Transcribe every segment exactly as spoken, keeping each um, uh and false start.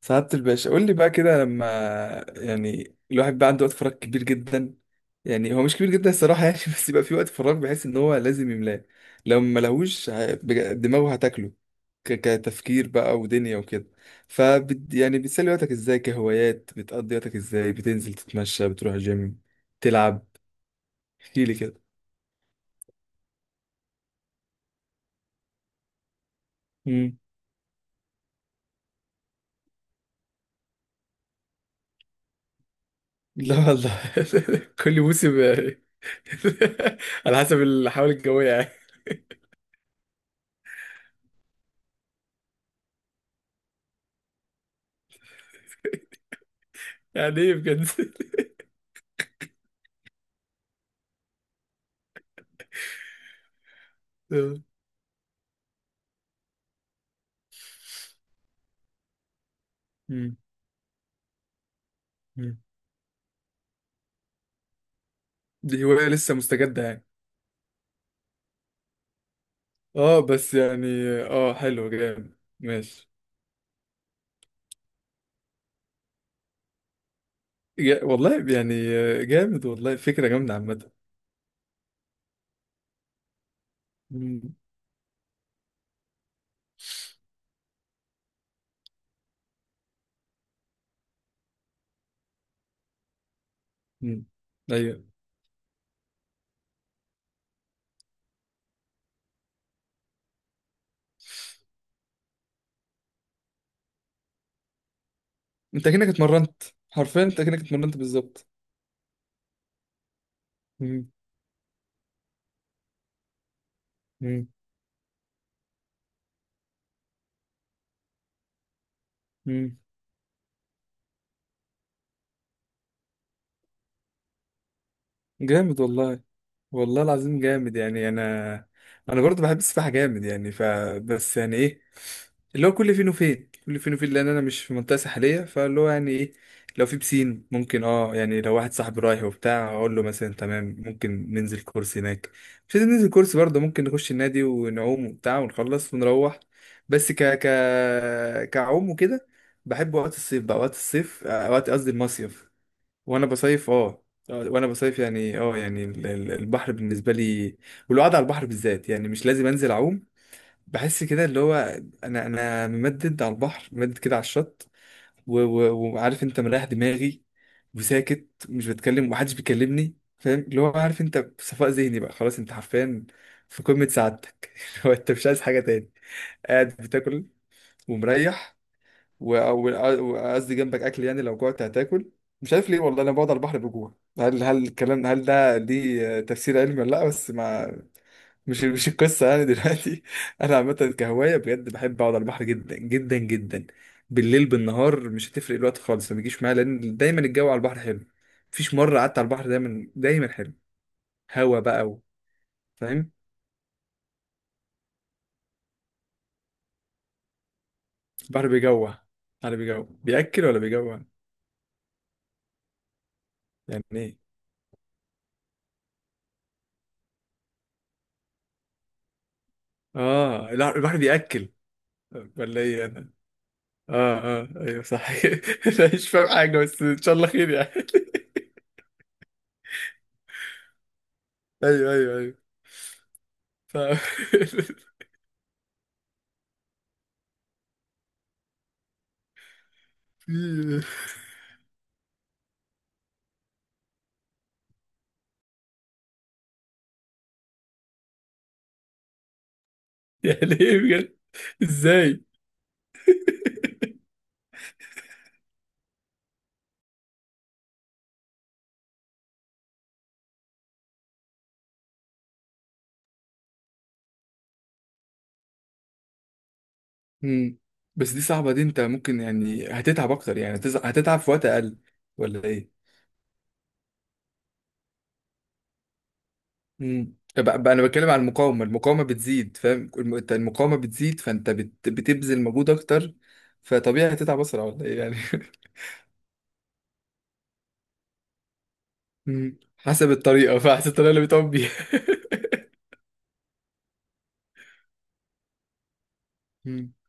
سعادة الباشا قول لي بقى كده لما يعني الواحد بقى عنده وقت فراغ كبير جدا. يعني هو مش كبير جدا الصراحة يعني بس يبقى في وقت فراغ بحيث ان هو لازم يملاه. لو ما لهوش ه- بج- دماغه هتاكله ك- كتفكير بقى ودنيا وكده. ف يعني بتسلي وقتك ازاي، كهوايات بتقضي وقتك ازاي، بتنزل تتمشى، بتروح جيم، تلعب؟ احكي لي كده. مم. لا والله. كل موسم يعني. على حسب الحوالي الجوية يعني. يعني ايه بجد؟ مم. دي هواية لسه مستجدة يعني؟ اه بس يعني، اه حلو جامد ماشي. جا... والله يعني آه، جامد، والله فكرة جامدة عامة. مم. مم. ايوه. انت كأنك اتمرنت، حرفيا انت كأنك اتمرنت بالظبط. مم. مم. مم. جامد والله، والله العظيم جامد. يعني انا، انا برضو بحب السباحه جامد يعني. ف بس يعني ايه، اللي هو كل فين وفين، كل فين وفين لان انا مش في منطقه ساحليه، فاللي هو يعني ايه، لو في بسين ممكن اه يعني، لو واحد صاحبي رايح وبتاع اقول له مثلا تمام ممكن ننزل كورس هناك. مش لازم ننزل كورس برضه، ممكن نخش النادي ونعوم وبتاع ونخلص ونروح. بس ك ك كعوم وكده. بحب وقت الصيف بقى، وقت الصيف آه، وقت قصدي المصيف، وانا بصيف اه. آه، وانا بصيف يعني اه، يعني ال- ال- البحر بالنسبه لي والقعده على البحر بالذات، يعني مش لازم انزل اعوم. بحس كده اللي هو، انا انا ممدد على البحر، ممدد كده على الشط و- و- وعارف انت، مريح دماغي وساكت، مش بتكلم ومحدش بيكلمني، فاهم اللي هو، عارف انت، صفاء ذهني بقى خلاص، انت حرفيا في قمه سعادتك. اللي هو انت مش عايز حاجه تاني، قاعد بتاكل ومريح و- أو- وقصدي جنبك اكل، يعني لو جوعت هتاكل. مش عارف ليه والله انا بقعد على البحر بجوع، هل هل الكلام، هل ده ليه تفسير علمي ولا لا؟ بس ما، مش مش القصه يعني دلوقتي. انا عامه كهوايه بجد بحب اقعد على البحر جدا جدا جدا. بالليل بالنهار مش هتفرق، الوقت خالص ما بيجيش معايا، لان دايما الجو على البحر حلو. مفيش مره قعدت على البحر، دايما دايما حلو، هوا بقى و- فاهم؟ البحر بيجوع. البحر بيجوع، بياكل ولا بيجوع؟ يعني ايه؟ اه لا، البحر بياكل، ولا ايه انا؟ اه، اه ايوه صح. أنا مش فاهم حاجة بس ان شاء الله خير يعني. ايوه ايوه ايوه. ف في- يعني ايه بجد؟ ازاي؟ مم. بس دي صعبة، دي انت ممكن يعني هتتعب اكتر، يعني هتز- هتتعب في وقت اقل، ولا ايه؟ امم، بقى بقى انا بتكلم عن المقاومة. المقاومة بتزيد فاهم، الم- انت المقاومة بتزيد فانت بت... بتبذل مجهود اكتر، فطبيعي هتتعب اسرع ولا ايه يعني؟ مم. حسب الطريقة، فحسب الطريقة اللي بتقوم بيها.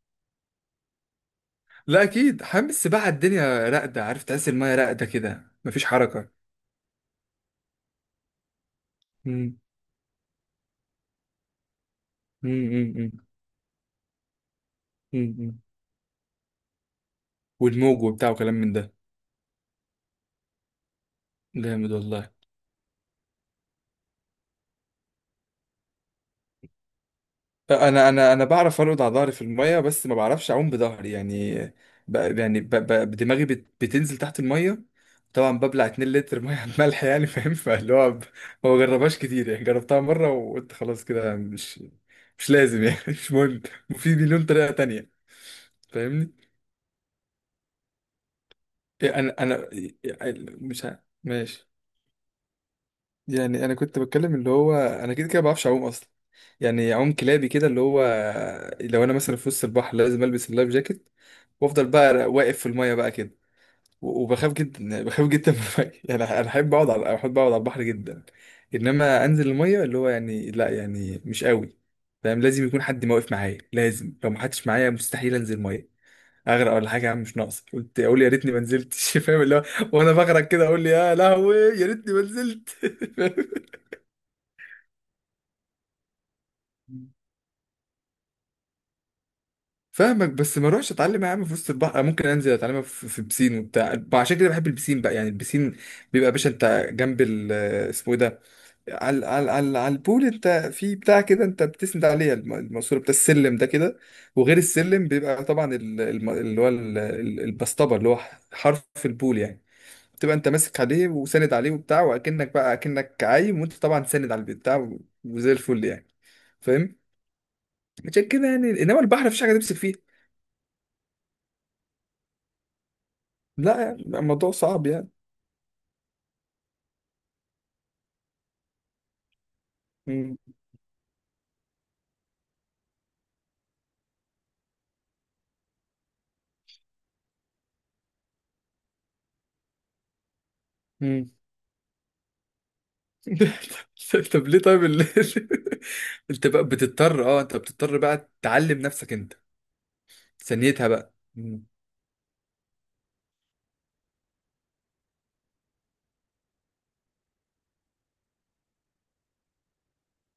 لا اكيد، حمام السباحه الدنيا راقده، عارف تحس المايه راقده كده مفيش حركه. مم. مم. مم. مم. مم. مم. والموج وبتاع وكلام من ده. جامد والله. انا انا انا بعرف ارقد على ظهري في المايه، بس ما بعرفش اعوم بظهري يعني. ب... يعني ب... ب... دماغي بت... بتنزل تحت المايه، طبعا ببلع 2 لتر ميه على الملح يعني، فاهم؟ فاللي هو ب... ما بجربهاش كتير يعني. جربتها مره وقلت خلاص كده، مش مش لازم يعني. مش مهم، في مليون طريقه تانية، فاهمني؟ إيه، انا، انا إيه، مش ه- ماشي. يعني انا كنت بتكلم اللي هو، انا كده كده ما بعرفش اعوم اصلا، يعني اعوم كلابي كده اللي هو. لو انا مثلا في وسط البحر لازم البس اللايف جاكيت، وافضل بقى واقف في الميه بقى كده و- وبخاف جدا، يعني بخاف جدا من الميه. يعني انا احب اقعد على، احب اقعد على البحر جدا. انما انزل الميه، اللي هو يعني لا، يعني مش قوي فاهم، لازم يكون حد ما واقف معايا. لازم، لو ما حدش معايا مستحيل انزل ميه. اغرق ولا حاجه يا عم، مش ناقص قلت اقول يا ريتني ما نزلتش. فاهم اللي هو، وانا بغرق كده اقول لي يا لهوي يا ريتني ما نزلت. فاهم؟ فاهمك، بس ما اروحش اتعلم يا عم في وسط البحر، ممكن انزل اتعلمها في، في بسين وبتاع. عشان كده بحب البسين بقى يعني. البسين بيبقى يا باشا انت جنب ال، اسمه ايه ده، على، على، على، على البول انت، في بتاع كده انت بتسند عليها الم- الماسوره بتاع السلم ده كده. وغير السلم بيبقى طبعا ال- الم- اللي هو ال- ال- البسطبه اللي هو حرف البول يعني، تبقى انت ماسك عليه وساند عليه وبتاع، واكنك بقى اكنك عايم وانت طبعا ساند على البتاع و- وزي الفل يعني، فاهم؟ عشان كده يعني، انما البحر مفيش حاجه تمسك فيه. لا يعني الموضوع صعب يعني. مم. مم. طب ليه؟ طيب ال- انت بقى بتضطر، اه انت بتضطر بقى تعلم نفسك انت، ثانيتها بقى.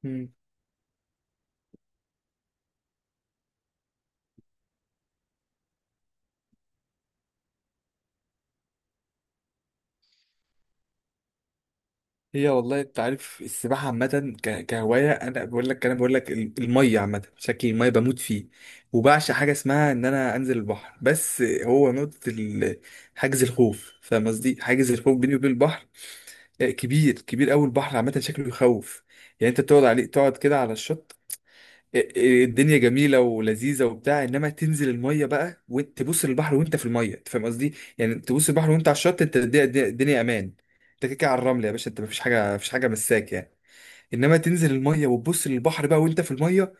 مم. هي والله، انت عارف السباحه عامه، ك- كهوايه انا بقول لك، انا بقول لك ال- الميه عامه بشكل، الميه بموت فيه. وبعشق حاجه اسمها ان انا انزل البحر، بس هو نقطه ال- حاجز الخوف فاهم قصدي، حاجز الخوف بيني وبين البحر آه، كبير، كبير قوي. البحر عامه شكله يخوف. يعني انت تقعد عليه تقعد كده على الشط، الدنيا جميله ولذيذه وبتاع، انما تنزل الميه بقى وتبص للبحر وانت في الميه، انت فاهم قصدي يعني؟ تبص للبحر وانت على الشط، انت الدنيا، الدنيا- الدنيا امان. انت كده كده على الرمل يا باشا، انت مفيش حاجه، مفيش حاجه مساك يعني. انما تنزل الميه وتبص للبحر بقى وانت في الميه،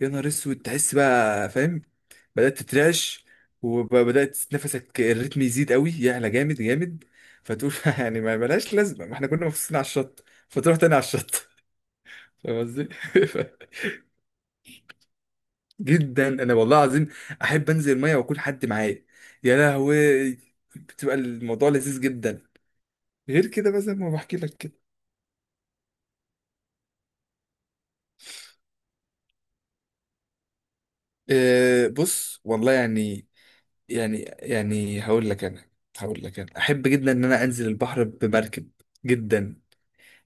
يا نهار اسود، تحس بقى فاهم، بدات تترعش، وبدات نفسك الريتم يزيد قوي، يعلى جامد جامد، فتقول. يعني ما ملهاش لازمه، ما احنا كنا مبسوطين على الشط، فتروح تاني على الشط، فاهم قصدي؟ جدا، انا والله العظيم احب انزل ميه واكون حد معايا، يا لهوي بتبقى الموضوع لذيذ جدا، غير كده بقى زي ما بحكي لك كده. أه بص والله يعني، يعني يعني هقول لك انا، هقول لك انا احب جدا ان انا انزل البحر بمركب، جدا.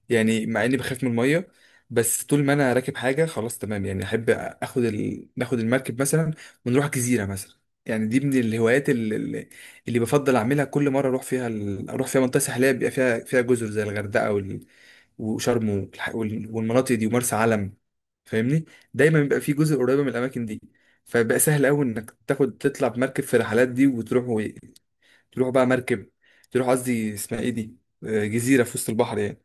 يعني مع اني بخاف من الميه، بس طول ما انا راكب حاجه خلاص تمام يعني. احب اخد ال، ناخد المركب مثلا ونروح جزيره مثلا، يعني دي من الهوايات اللي، اللي بفضل اعملها كل مره اروح فيها ال، اروح فيها منطقه ساحليه بيبقى فيها، فيها جزر زي الغردقه وال، وشرم والح، وال، والمناطق دي ومرسى علم، فاهمني؟ دايما بيبقى في جزر قريبه من الاماكن دي، فبقى سهل قوي انك تاخد تطلع بمركب في الرحلات دي وتروح و، تروح بقى مركب، تروح قصدي اسمها ايه دي، آه، جزيره في وسط البحر يعني.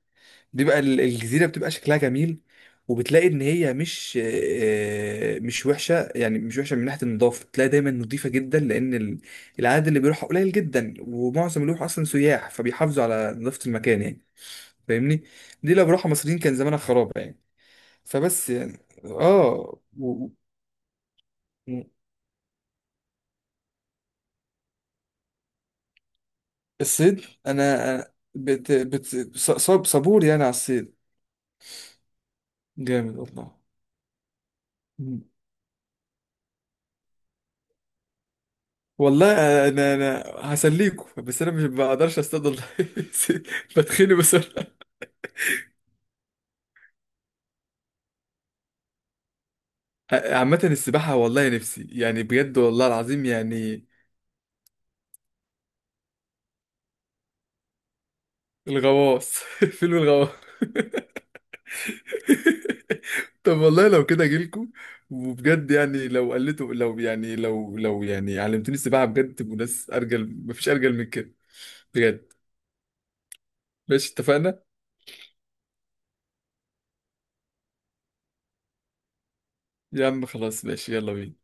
دي بقى ال- الجزيرة بتبقى شكلها جميل، وبتلاقي ان هي مش آه، مش وحشة يعني، مش وحشة من ناحية النظافة، تلاقي دايما نظيفة جدا لان ال- العدد اللي بيروحها قليل جدا، ومعظم اللي بيروح اصلا سياح فبيحافظوا على نظافة المكان يعني، فاهمني؟ دي لو بروحها مصريين كان زمانها خراب يعني. فبس يعني، اه و، و- الصيد. انا، أنا بت... بت... ص- صاب صبور يعني على الصيد. جامد والله، والله انا، انا هسليكوا، بس انا مش بقدرش اصطاد والله، بتخني بسرعه. عامه السباحه والله نفسي يعني، بجد والله العظيم يعني. الغواص، فيلم الغواص. طب والله لو كده اجيلكوا، وبجد يعني لو قلتوا لو يعني لو، لو يعني علمتوني السباحه بجد، تبقوا ناس ارجل مفيش ارجل من كده، بجد. ماشي اتفقنا. يا عم خلاص ماشي يلا بينا.